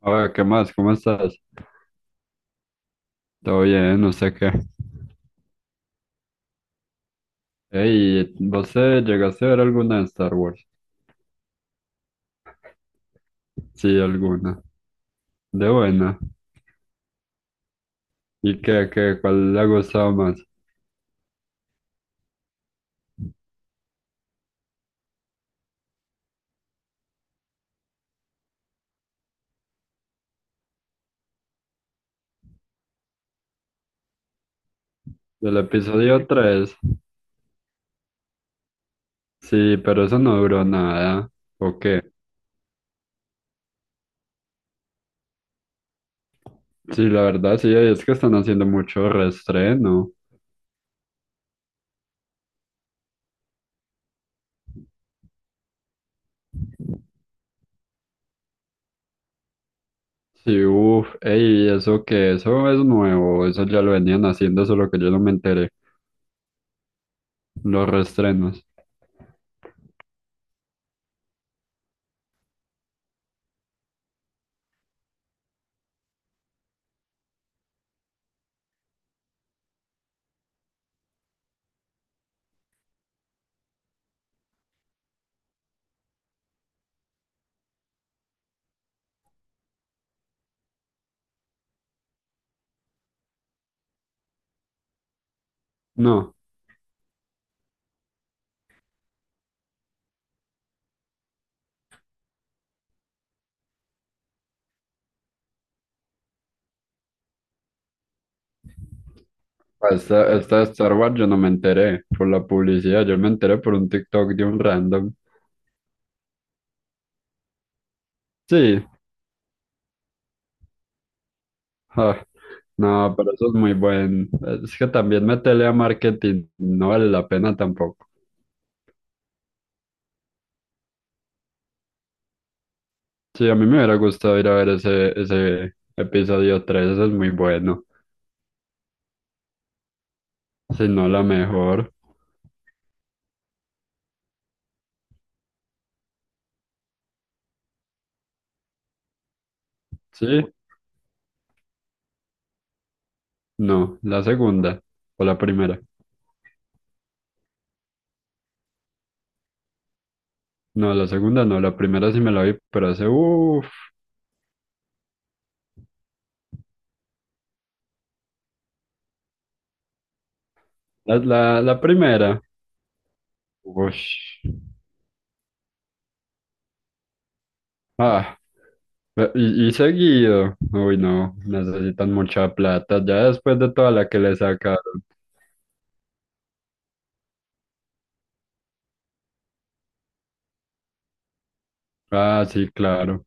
Oye, ¿qué más? ¿Cómo estás? Todo bien, no sé qué. Ey, ¿vos llegaste a ver alguna de Star Wars? Sí, alguna. De buena. ¿Y qué? ¿Cuál le ha gustado más? Del episodio 3. Sí, pero eso no duró nada. ¿O qué? Sí, la verdad, sí, es que están haciendo mucho reestreno. Sí, uff, ey, eso es nuevo, eso ya lo venían haciendo, solo que yo no me enteré. Los reestrenos. No. Hasta Star Wars yo no me enteré por la publicidad, yo me enteré por un TikTok de un random. Sí, ah, no, pero eso es muy buen. Es que también meterle a marketing no vale la pena tampoco. Sí, a mí me hubiera gustado ir a ver ese episodio tres, ese es muy bueno. Si no, la mejor. Sí, no, la segunda o la primera. No, la segunda no, la primera sí me la vi, pero hace, uff, la primera. Uff. Ah, Y seguido. Uy, no, necesitan mucha plata. Ya después de toda la que le sacaron. Ah, sí, claro.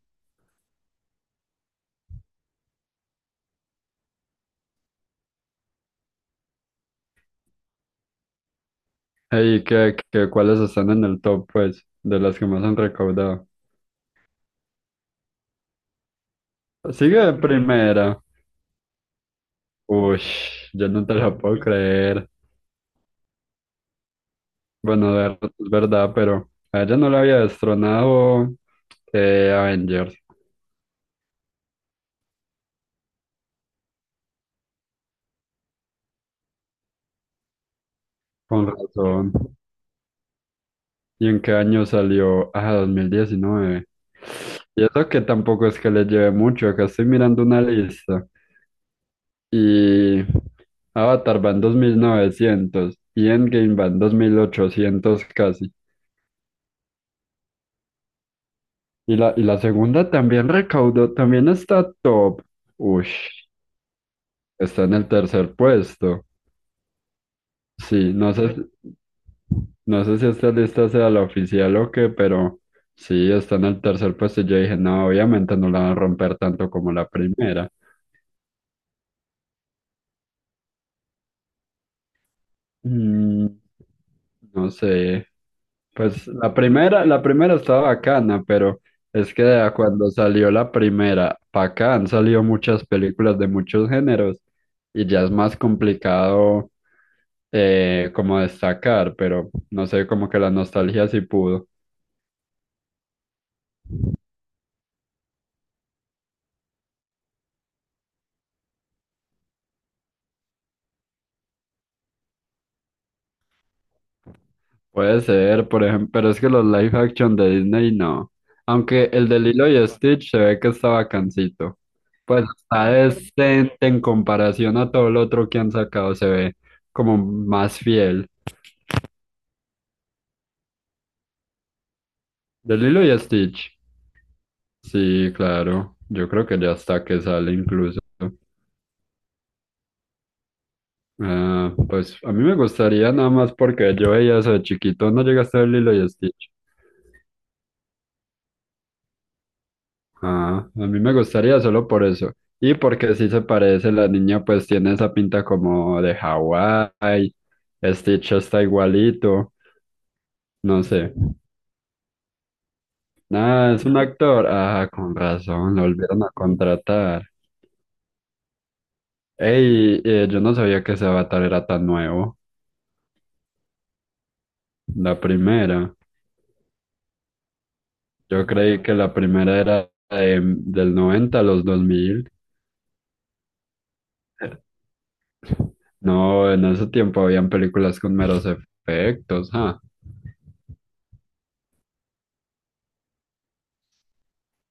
¿Y cuáles están en el top, pues, de las que más han recaudado? Sigue de primera. Uy, yo no te la puedo creer. Bueno, es verdad, pero a ella no la había destronado Avengers. Con razón. ¿Y en qué año salió? Ah, 2019. Y eso que tampoco es que le lleve mucho, acá estoy mirando una lista. Y Avatar va en 2900 y Endgame va en 2800 casi. Y la segunda también recaudó, también está top. Uy, está en el tercer puesto. Sí, no sé, si, no sé si esta lista sea la oficial o qué, pero sí, está en el tercer puesto. Y yo dije, no, obviamente no la van a romper tanto como la primera. Mm, no sé. Pues la primera estaba bacana, pero es que de cuando salió la primera, para acá han salido muchas películas de muchos géneros y ya es más complicado como destacar, pero no sé, como que la nostalgia sí pudo. Puede ser, por ejemplo, pero es que los live action de Disney no. Aunque el de Lilo y Stitch se ve que está bacancito. Pues está decente en comparación a todo lo otro que han sacado, se ve como más fiel. De Lilo y Stitch. Sí, claro. Yo creo que ya está que sale incluso. Ah, pues a mí me gustaría nada más porque yo veía eso de chiquito. ¿No llegaste a ver Lilo y Stitch? Ah, a mí me gustaría solo por eso. Y porque sí se parece, la niña pues tiene esa pinta como de Hawái, Stitch está igualito, no sé. Ah, es un actor. Ah, con razón, lo volvieron a contratar. Ey, yo no sabía que ese Avatar era tan nuevo. La primera. Yo creí que la primera era del 90 a los dos mil. No, en ese tiempo habían películas con meros efectos, ah.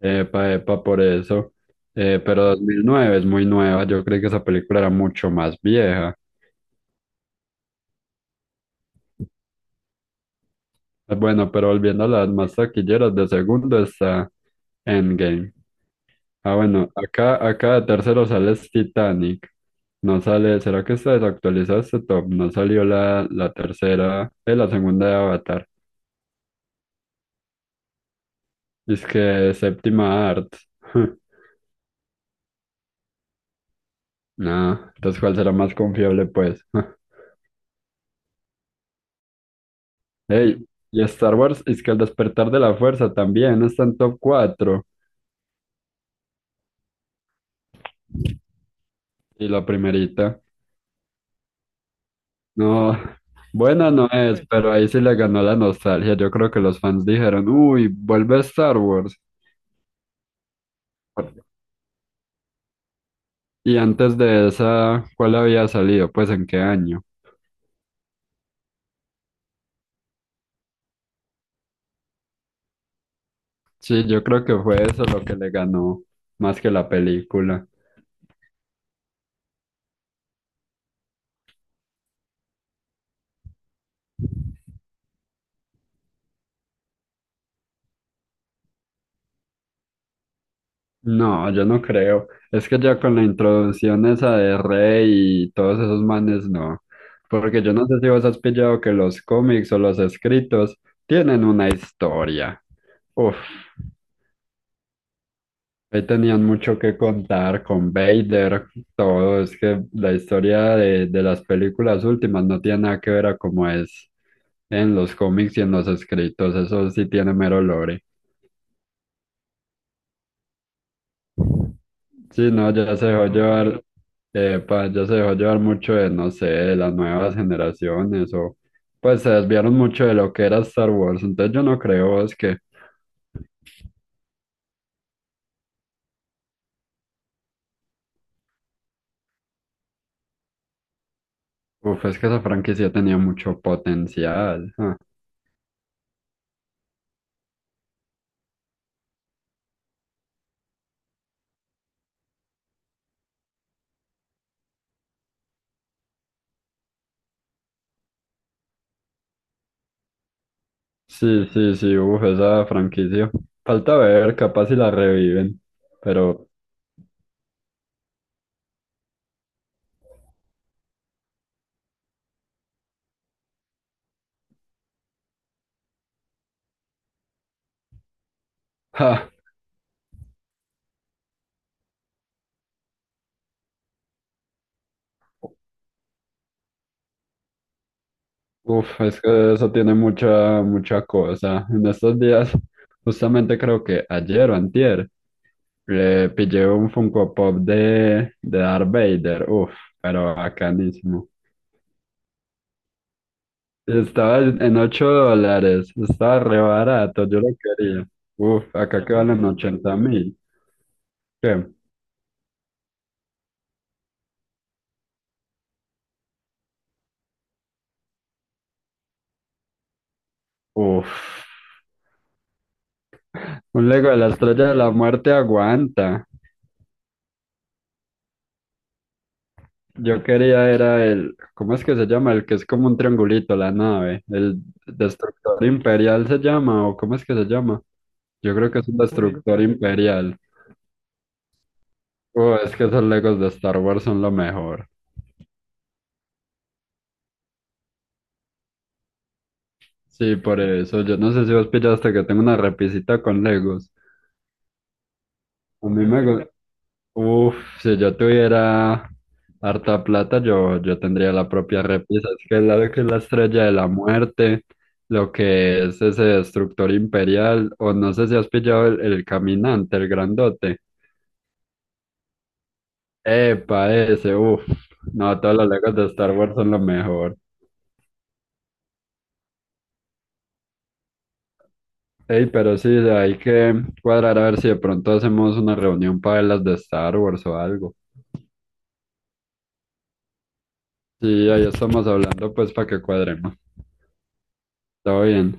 Epa, epa, por eso. Pero 2009 es muy nueva. Yo creí que esa película era mucho más vieja. Bueno, pero volviendo a las más taquilleras, de segundo está Endgame. Ah, bueno, acá de tercero sale es Titanic. No sale, ¿será que está desactualizado este top? No salió la tercera, la segunda de Avatar. Es que séptima art. No, entonces ¿cuál será más confiable, pues? Hey, y Star Wars es que el despertar de la fuerza también está en top 4. Y la primerita. No, buena no es, pues, pero ahí sí le ganó la nostalgia. Yo creo que los fans dijeron, uy, vuelve Star Wars. Y antes de esa, ¿cuál había salido? Pues en qué año. Sí, yo creo que fue eso lo que le ganó más que la película. No, yo no creo. Es que ya con la introducción esa de Rey y todos esos manes, no. Porque yo no sé si vos has pillado que los cómics o los escritos tienen una historia. Uf, ahí tenían mucho que contar con Vader, todo. Es que la historia de las películas últimas no tiene nada que ver a cómo es en los cómics y en los escritos. Eso sí tiene mero lore. Sí, no, ya se dejó llevar, pues ya se dejó llevar mucho de, no sé, de las nuevas generaciones o pues se desviaron mucho de lo que era Star Wars. Entonces yo no creo, es que, uf, es que esa franquicia tenía mucho potencial. Ah. Sí, sí, sí, uf, esa franquicia. Falta ver, capaz si la reviven, pero, ja, uf, es que eso tiene mucha cosa. En estos días, justamente creo que ayer o antier. Le pillé un Funko Pop de Darth Vader, uff, pero bacanísimo. Estaba en $8, estaba re barato, yo lo quería. Uf, acá que valen 80.000. ¿Qué? Uf, un Lego de la Estrella de la Muerte aguanta. Yo quería era el, ¿cómo es que se llama? El que es como un triangulito, la nave. El Destructor Imperial se llama, o ¿cómo es que se llama? Yo creo que es un Destructor Imperial. Es que esos Legos de Star Wars son lo mejor. Sí, por eso. Yo no sé si vos pillaste que tengo una repisita con Legos. A mí me gusta. Uf, si yo tuviera harta plata, yo tendría la propia repisa. Es que la, que es la estrella de la muerte, lo que es ese destructor imperial, o no sé si has pillado el caminante, el grandote. Epa, ese, uf. No, todos los Legos de Star Wars son lo mejor. Ey, pero sí, de ahí que cuadrar a ver si de pronto hacemos una reunión para las de Star Wars o algo. Sí, ahí estamos hablando pues para que cuadremos. Todo bien.